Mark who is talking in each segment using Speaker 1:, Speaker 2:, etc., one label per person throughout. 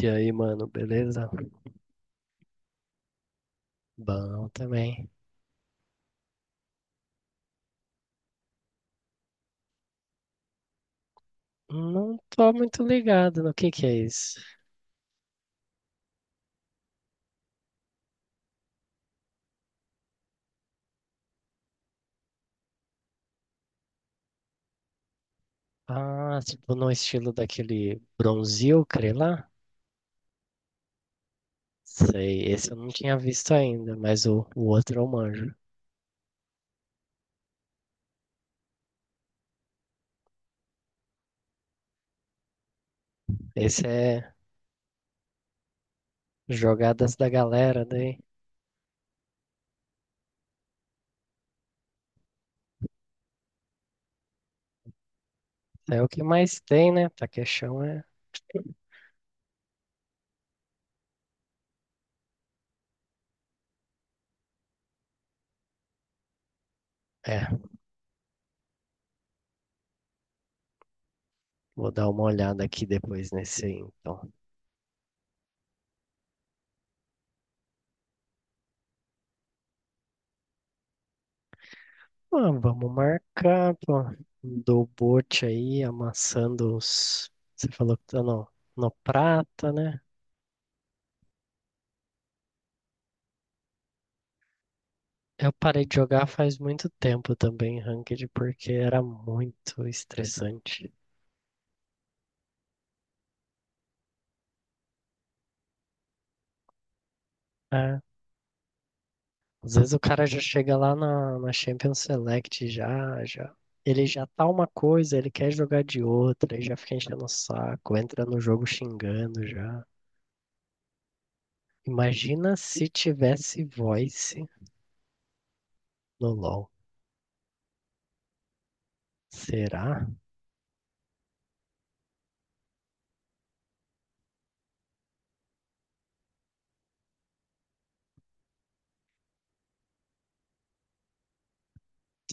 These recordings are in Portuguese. Speaker 1: E aí, mano, beleza? Bom também. Não tô muito ligado no que é isso. Ah, tipo no estilo daquele Bronzil, crê lá? Sei, esse eu não tinha visto ainda, mas o outro eu manjo. Esse é jogadas da galera daí. É o que mais tem, né? Taquechão é. É. Vou dar uma olhada aqui depois nesse aí, então. Ah, vamos marcar, pô. Do bote aí, amassando os. Você falou que tá no prata, né? Eu parei de jogar faz muito tempo também, Ranked, porque era muito estressante. É, às vezes o cara já chega lá na Champions Select, já. Ele já tá uma coisa, ele quer jogar de outra, e já fica enchendo o saco, entra no jogo xingando já. Imagina se tivesse voice no LoL. Será?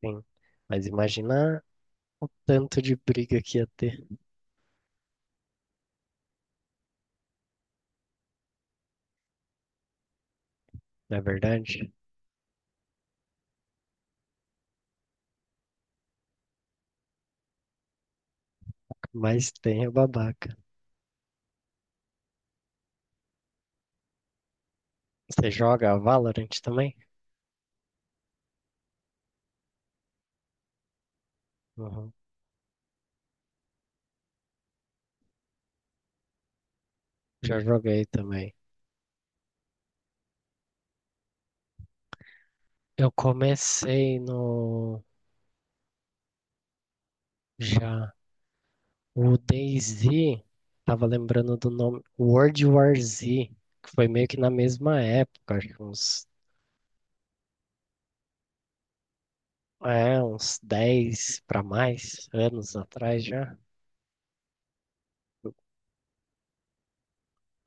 Speaker 1: Sim. Mas imagina tanto de briga que ia ter, não é verdade? Mas tem o babaca. Você joga Valorant também? Uhum. Já joguei também. Eu comecei no. Já. O DayZ, tava lembrando do nome. World War Z, que foi meio que na mesma época, acho que uns. É, uns 10 para mais anos atrás já.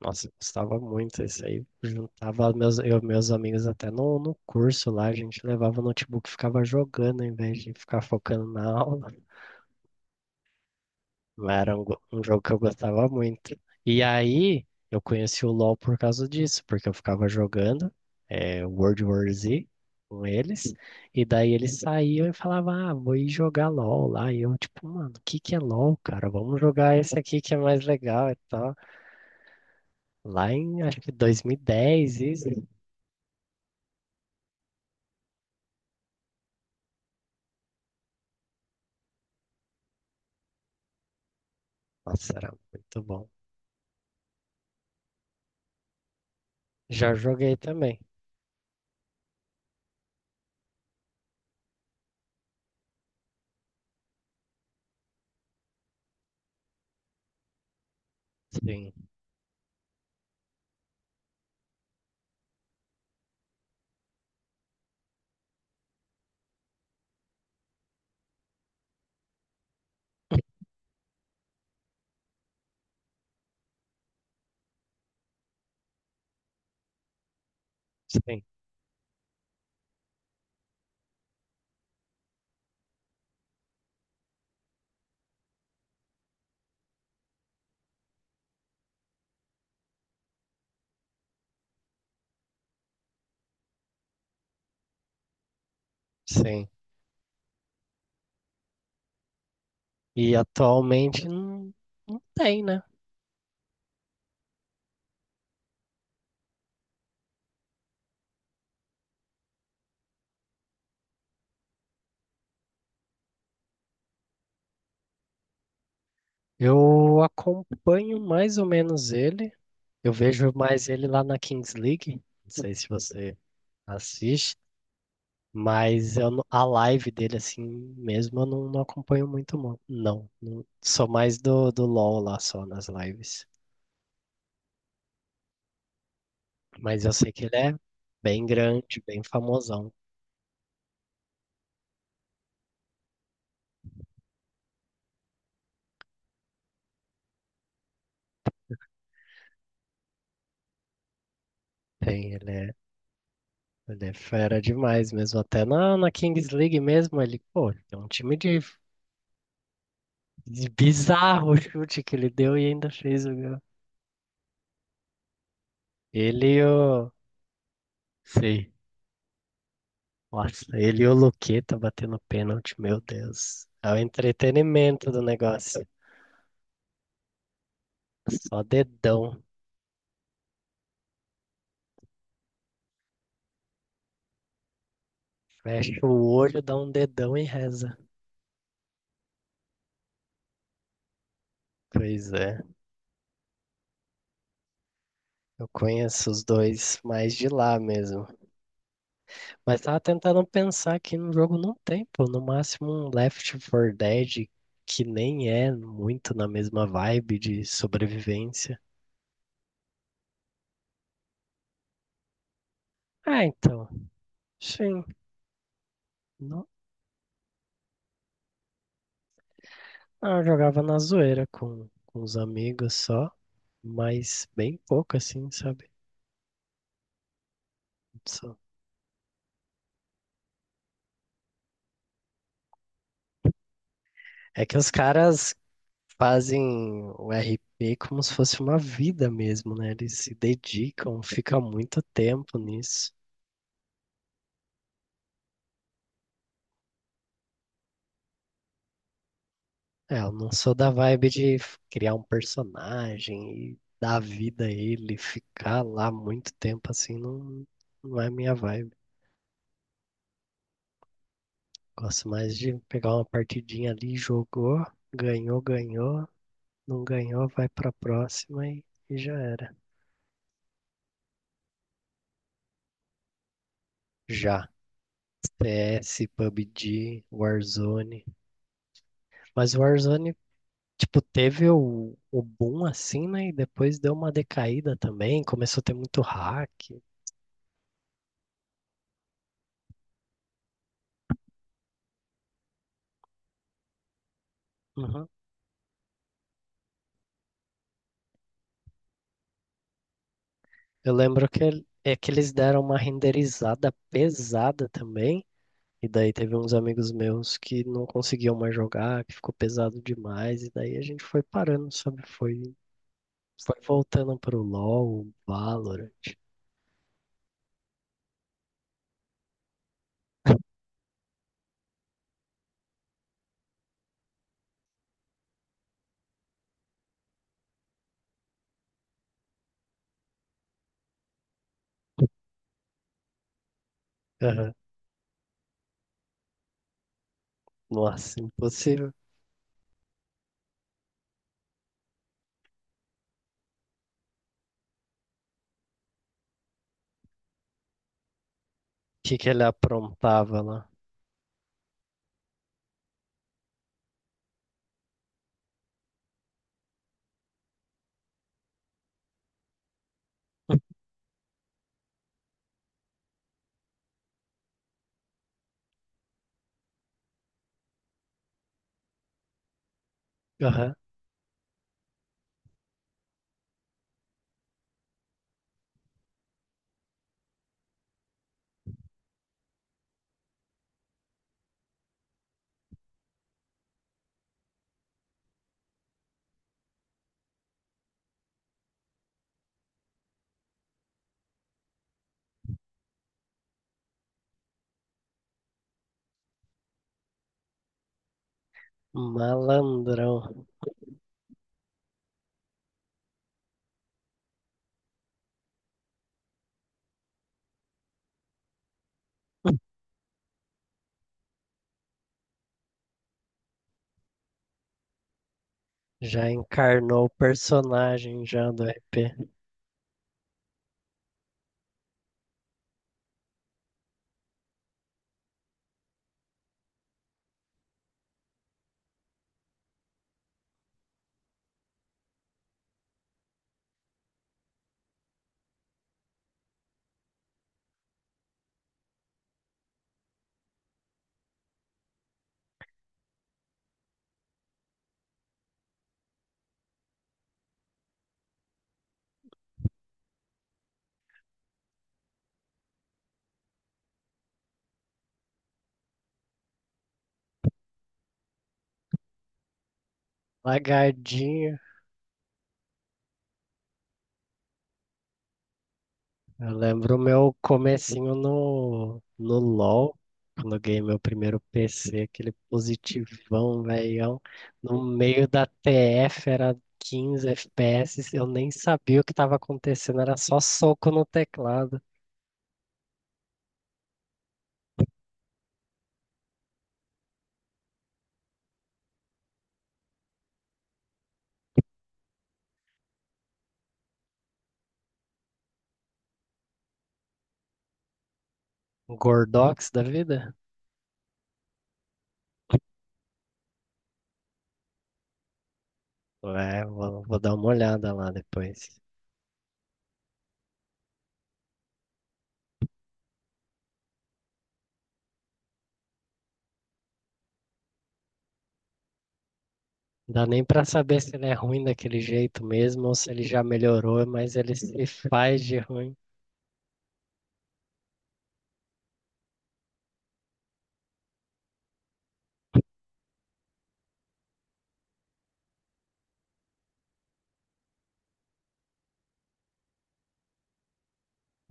Speaker 1: Nossa, eu gostava muito isso aí. Juntava meus, eu, e meus amigos até no curso lá, a gente levava o notebook e ficava jogando em vez de ficar focando na aula. Mas era um, um jogo que eu gostava muito. E aí eu conheci o LoL por causa disso, porque eu ficava jogando World War Z com eles, e daí eles saíam e falavam, ah, vou ir jogar LoL lá. E eu, tipo, mano, o que é LoL, cara? Vamos jogar esse aqui que é mais legal e tal. Lá em, acho que 2010, isso. Nossa, era muito bom. Já joguei também. Sim, sim, sim. E atualmente não, não tem, né? Eu acompanho mais ou menos ele. Eu vejo mais ele lá na Kings League. Não sei se você assiste, mas eu, a live dele, assim mesmo, eu não, não acompanho muito, Sou mais do LoL lá só nas lives. Mas eu sei que ele é bem grande, bem famosão. Tem, ele é. Ele é fera demais mesmo, até na Kings League mesmo, ele, pô, é um time de bizarro o chute que ele deu e ainda fez o gol. Ele e o... Sim, nossa, ele e o Luqueta batendo pênalti, meu Deus. É o entretenimento do negócio. Só dedão. Fecha o olho, dá um dedão e reza. Pois é, eu conheço os dois mais de lá mesmo. Mas tava tentando pensar que no jogo não tem, pô. No máximo um Left 4 Dead que nem é muito na mesma vibe de sobrevivência. Ah, então. Sim. Não, ah, eu jogava na zoeira com os amigos só, mas bem pouco assim, sabe? Só. É que os caras fazem o RP como se fosse uma vida mesmo, né? Eles se dedicam, fica muito tempo nisso. É, eu não sou da vibe de criar um personagem e dar vida a ele, ficar lá muito tempo assim, não, não é minha vibe. Gosto mais de pegar uma partidinha ali, jogou, ganhou, não ganhou, vai pra próxima e já era. Já. CS, PUBG, Warzone. Mas o Warzone, tipo, teve o boom assim, né? E depois deu uma decaída também, começou a ter muito hack. Uhum. Eu lembro que, é que eles deram uma renderizada pesada também, e daí teve uns amigos meus que não conseguiam mais jogar, que ficou pesado demais, e daí a gente foi parando, sabe? Foi, foi voltando pro LoL, Valorant. Aham. Nossa, impossível. O que que ele aprontava lá? Aham. Malandrão. Já encarnou o personagem já do RP. Lagardinho. Eu lembro o meu comecinho no LoL, quando eu ganhei meu primeiro PC, aquele positivão, velhão. No meio da TF era 15 FPS, eu nem sabia o que estava acontecendo, era só soco no teclado. Gordox da vida? É, vou, vou dar uma olhada lá depois. Não dá nem pra saber se ele é ruim daquele jeito mesmo ou se ele já melhorou, mas ele se faz de ruim.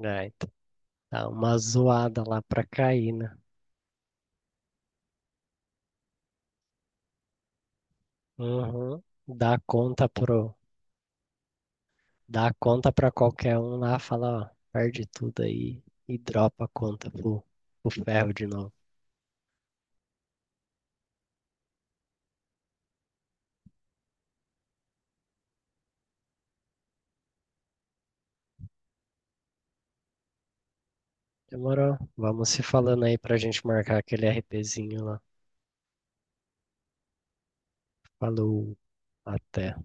Speaker 1: É, então, dá uma zoada lá pra cair, né? Uhum. Dá conta pro, dá conta pra qualquer um lá, fala, ó, perde tudo aí e dropa a conta pro, pro ferro de novo. Demorou? Vamos se falando aí pra gente marcar aquele RPzinho lá. Falou, até.